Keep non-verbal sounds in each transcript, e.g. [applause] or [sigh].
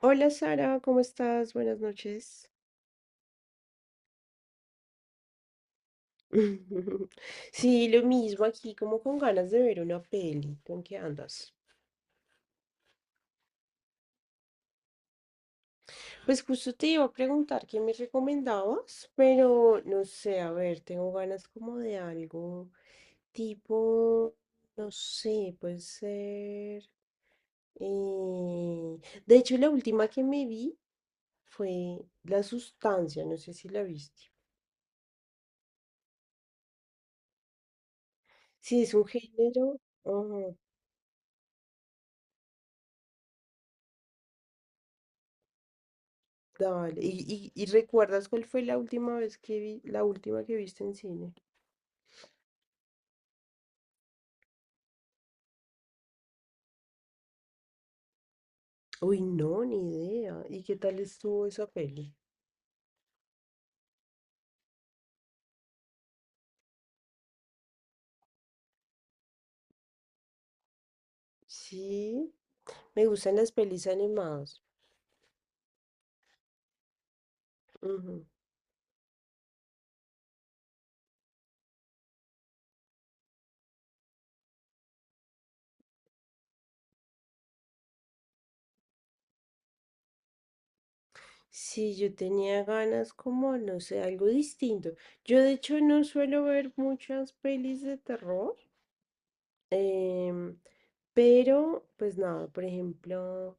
Hola Sara, ¿cómo estás? Buenas noches. [laughs] Sí, lo mismo aquí, como con ganas de ver una peli. ¿Tú en qué andas? Pues justo te iba a preguntar qué me recomendabas, pero no sé, a ver, tengo ganas como de algo tipo, no sé, puede ser. eh, De hecho, la última que me vi fue La Sustancia, no sé si la viste. Sí, es un género. Ajá. Dale. ¿Y recuerdas cuál fue la última que viste en cine? Uy, no, ni idea. ¿Y qué tal estuvo esa peli? Sí, me gustan las pelis animadas. Ujú. Sí, yo tenía ganas como, no sé, algo distinto. Yo de hecho no suelo ver muchas pelis de terror, em, pero pues nada, por ejemplo,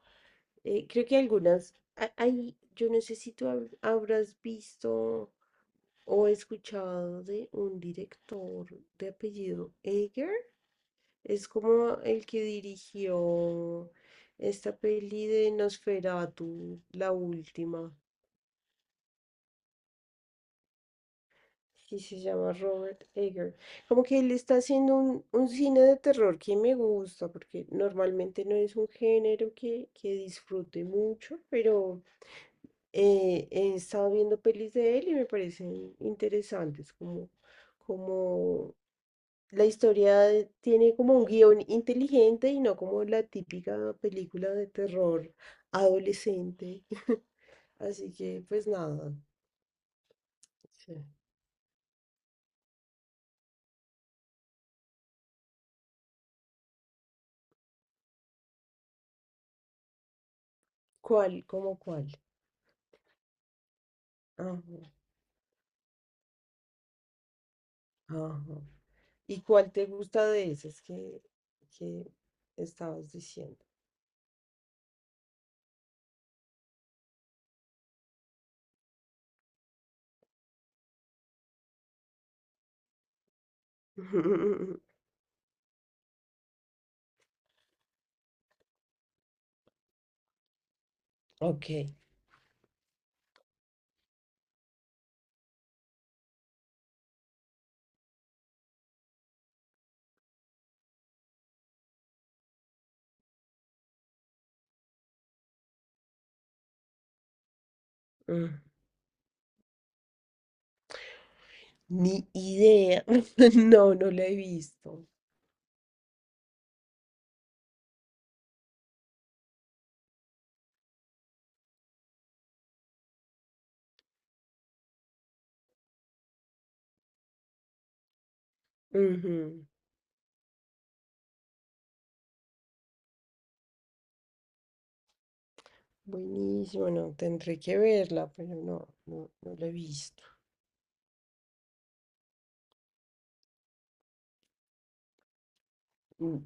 creo que algunas, hay, yo no sé si tú habrás visto o he escuchado de un director de apellido Ager, es como el que dirigió esta peli de Nosferatu, la última, y se llama Robert Eger. Como que él está haciendo un cine de terror que me gusta, porque normalmente no es un género que disfrute mucho, pero he estado viendo pelis de él y me parecen interesantes, como la historia tiene como un guión inteligente y no como la típica película de terror adolescente. [laughs] Así que, pues nada. Sí. ¿Cuál? ¿Cómo cuál? Ajá, ajá. ¿Y cuál te gusta de esas que estabas diciendo? [laughs] Ok. Mm. Ni idea. [laughs] No, no la he visto. Ujú. Buenísimo, no, tendré que verla, pero no, no, no la he visto. Mm.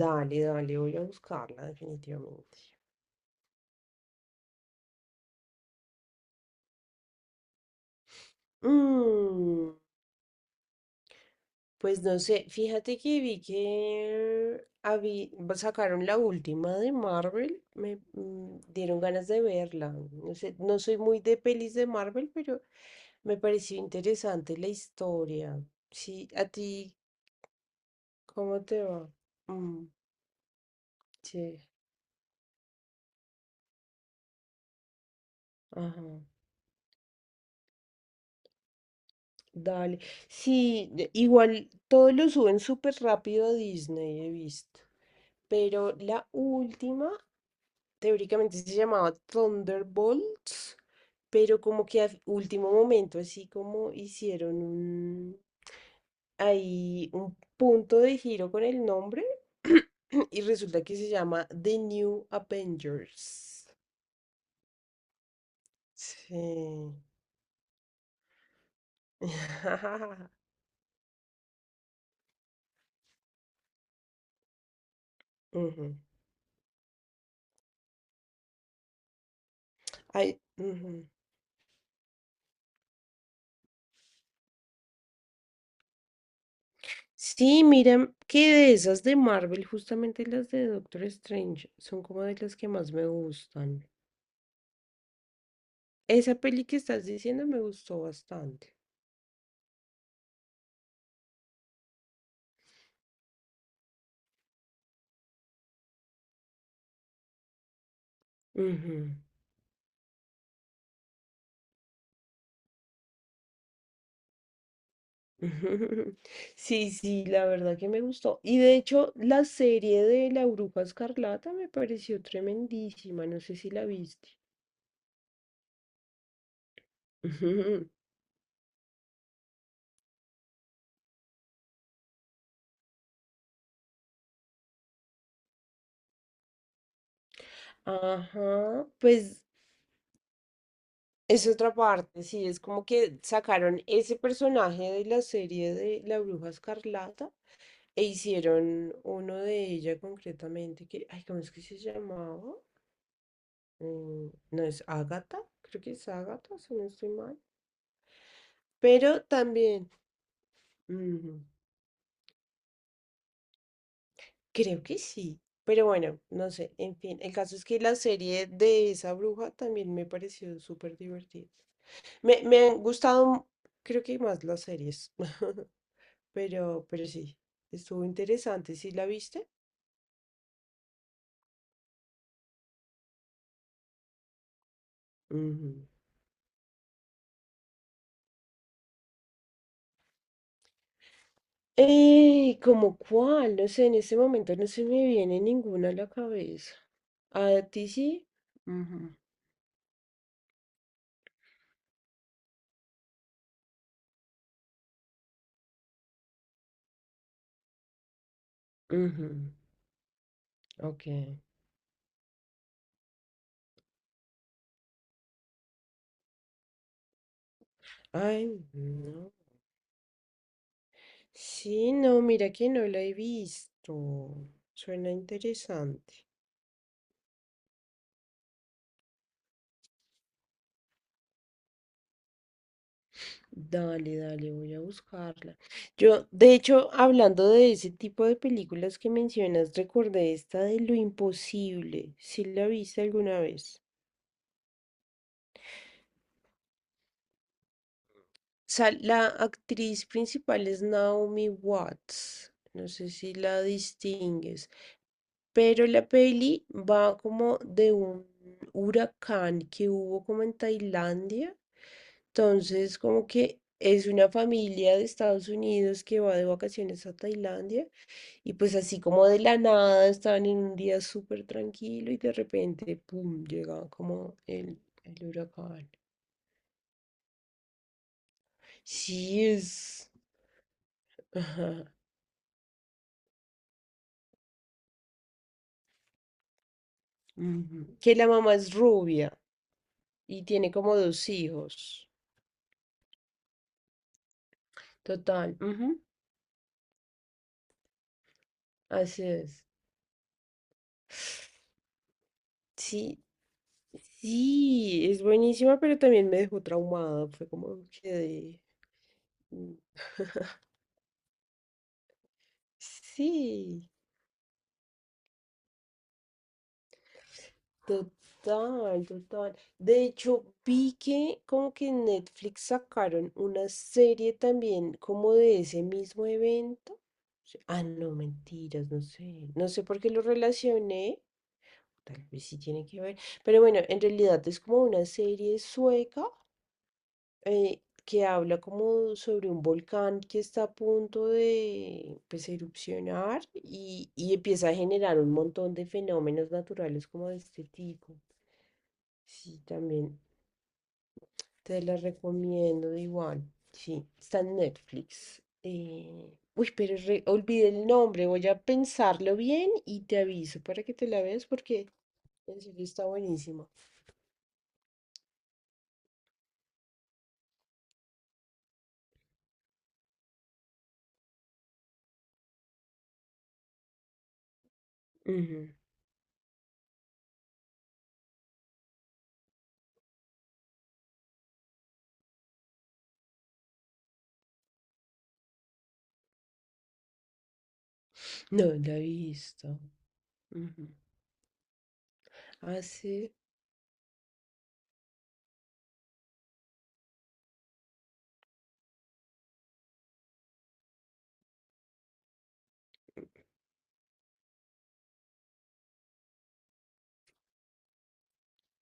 Dale, dale, voy a buscarla definitivamente. Mm, pues no sé, fíjate que vi que sacaron la última de Marvel, me dieron ganas de verla. No sé, no soy muy de pelis de Marvel, pero me pareció interesante la historia. Sí, a ti, ¿cómo te va? Mm, sí, ajá, dale. Sí, igual todo lo suben súper rápido a Disney, he visto. Pero la última, teóricamente se llamaba Thunderbolts, pero como que a último momento, así como hicieron ahí un punto de giro con el nombre [clears throat] y resulta que se llama The New Avengers. Sí. [laughs] Ujú. Ay, ujú. Sí, mira, que de esas de Marvel, justamente las de Doctor Strange, son como de las que más me gustan. Esa peli que estás diciendo me gustó bastante. Ujú. Ujú. [laughs] Sí, sí, la verdad que me gustó. Y de hecho, la serie de La Bruja Escarlata me pareció tremendísima. No sé si la viste. [laughs] Ujú. Ajá, pues es otra parte, sí, es como que sacaron ese personaje de la serie de La Bruja Escarlata e hicieron uno de ella concretamente, que, ay, ¿cómo es que se llamaba? Mm, no es Agatha, creo que es Agatha si no estoy mal. Pero también, ujú, creo que sí. Pero bueno, no sé, en fin, el caso es que la serie de esa bruja también me pareció súper divertida. Me han gustado, creo que más las series, [laughs] pero sí, estuvo interesante, ¿sí la viste? Ujú. ¿Cómo cuál? No sé, en este momento no se me viene ninguna a la cabeza. ¿A ti sí? Ujú. Ujú. Ok. Ay, no. Sí, no, mira que no la he visto. Suena interesante. Dale, dale, voy a buscarla. Yo, de hecho, hablando de ese tipo de películas que mencionas, recordé esta de Lo Imposible. ¿Si la viste alguna vez? La actriz principal es Naomi Watts. No sé si la distingues. Pero la peli va como de un huracán que hubo como en Tailandia. Entonces, como que es una familia de Estados Unidos que va de vacaciones a Tailandia y pues así como de la nada estaban en un día súper tranquilo y de repente, ¡pum!, llega como el huracán. Sí, es. Ajá. Ujú. Que la mamá es rubia y tiene como dos hijos. Total. Ujú. Así es. Sí, sí, es buenísima, pero también me dejó traumada. Fue como que. Sí, total, total. De hecho, vi que como que en Netflix sacaron una serie también como de ese mismo evento. Sí, ah, no, mentiras, no sé. No sé por qué lo relacioné. Tal vez sí tiene que ver. Pero bueno, en realidad es como una serie sueca que habla como sobre un volcán que está a punto de pues, erupcionar y empieza a generar un montón de fenómenos naturales como de este tipo. Sí, también te la recomiendo de igual. Sí, está en Netflix. Uy, pero olvidé el nombre, voy a pensarlo bien y te aviso para que te la veas porque en serio está buenísima. Ujú. No, la he visto. Ujú. Hace.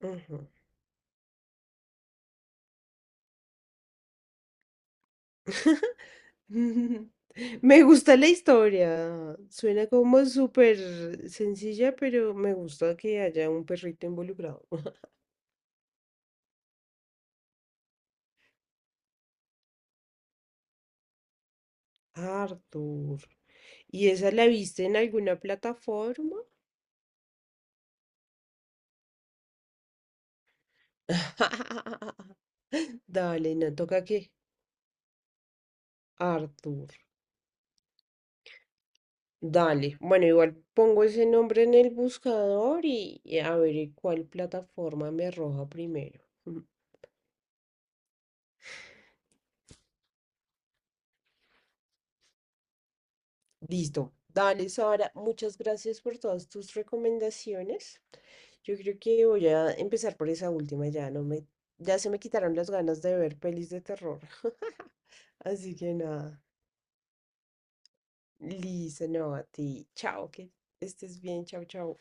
Ujú. [laughs] Me gusta la historia. Suena como súper sencilla, pero me gusta que haya un perrito involucrado. [laughs] Arthur. ¿Y esa la viste en alguna plataforma? [laughs] Dale, no toca que Arthur. Dale. Bueno, igual pongo ese nombre en el buscador y a ver en cuál plataforma me arroja primero. [laughs] Listo. Dale, Sara, muchas gracias por todas tus recomendaciones. Yo creo que voy a empezar por esa última, ya no me, ya se me quitaron las ganas de ver pelis de terror. [laughs] Así que nada, Lisa, no, a ti. Chao, que estés bien, chao, chao.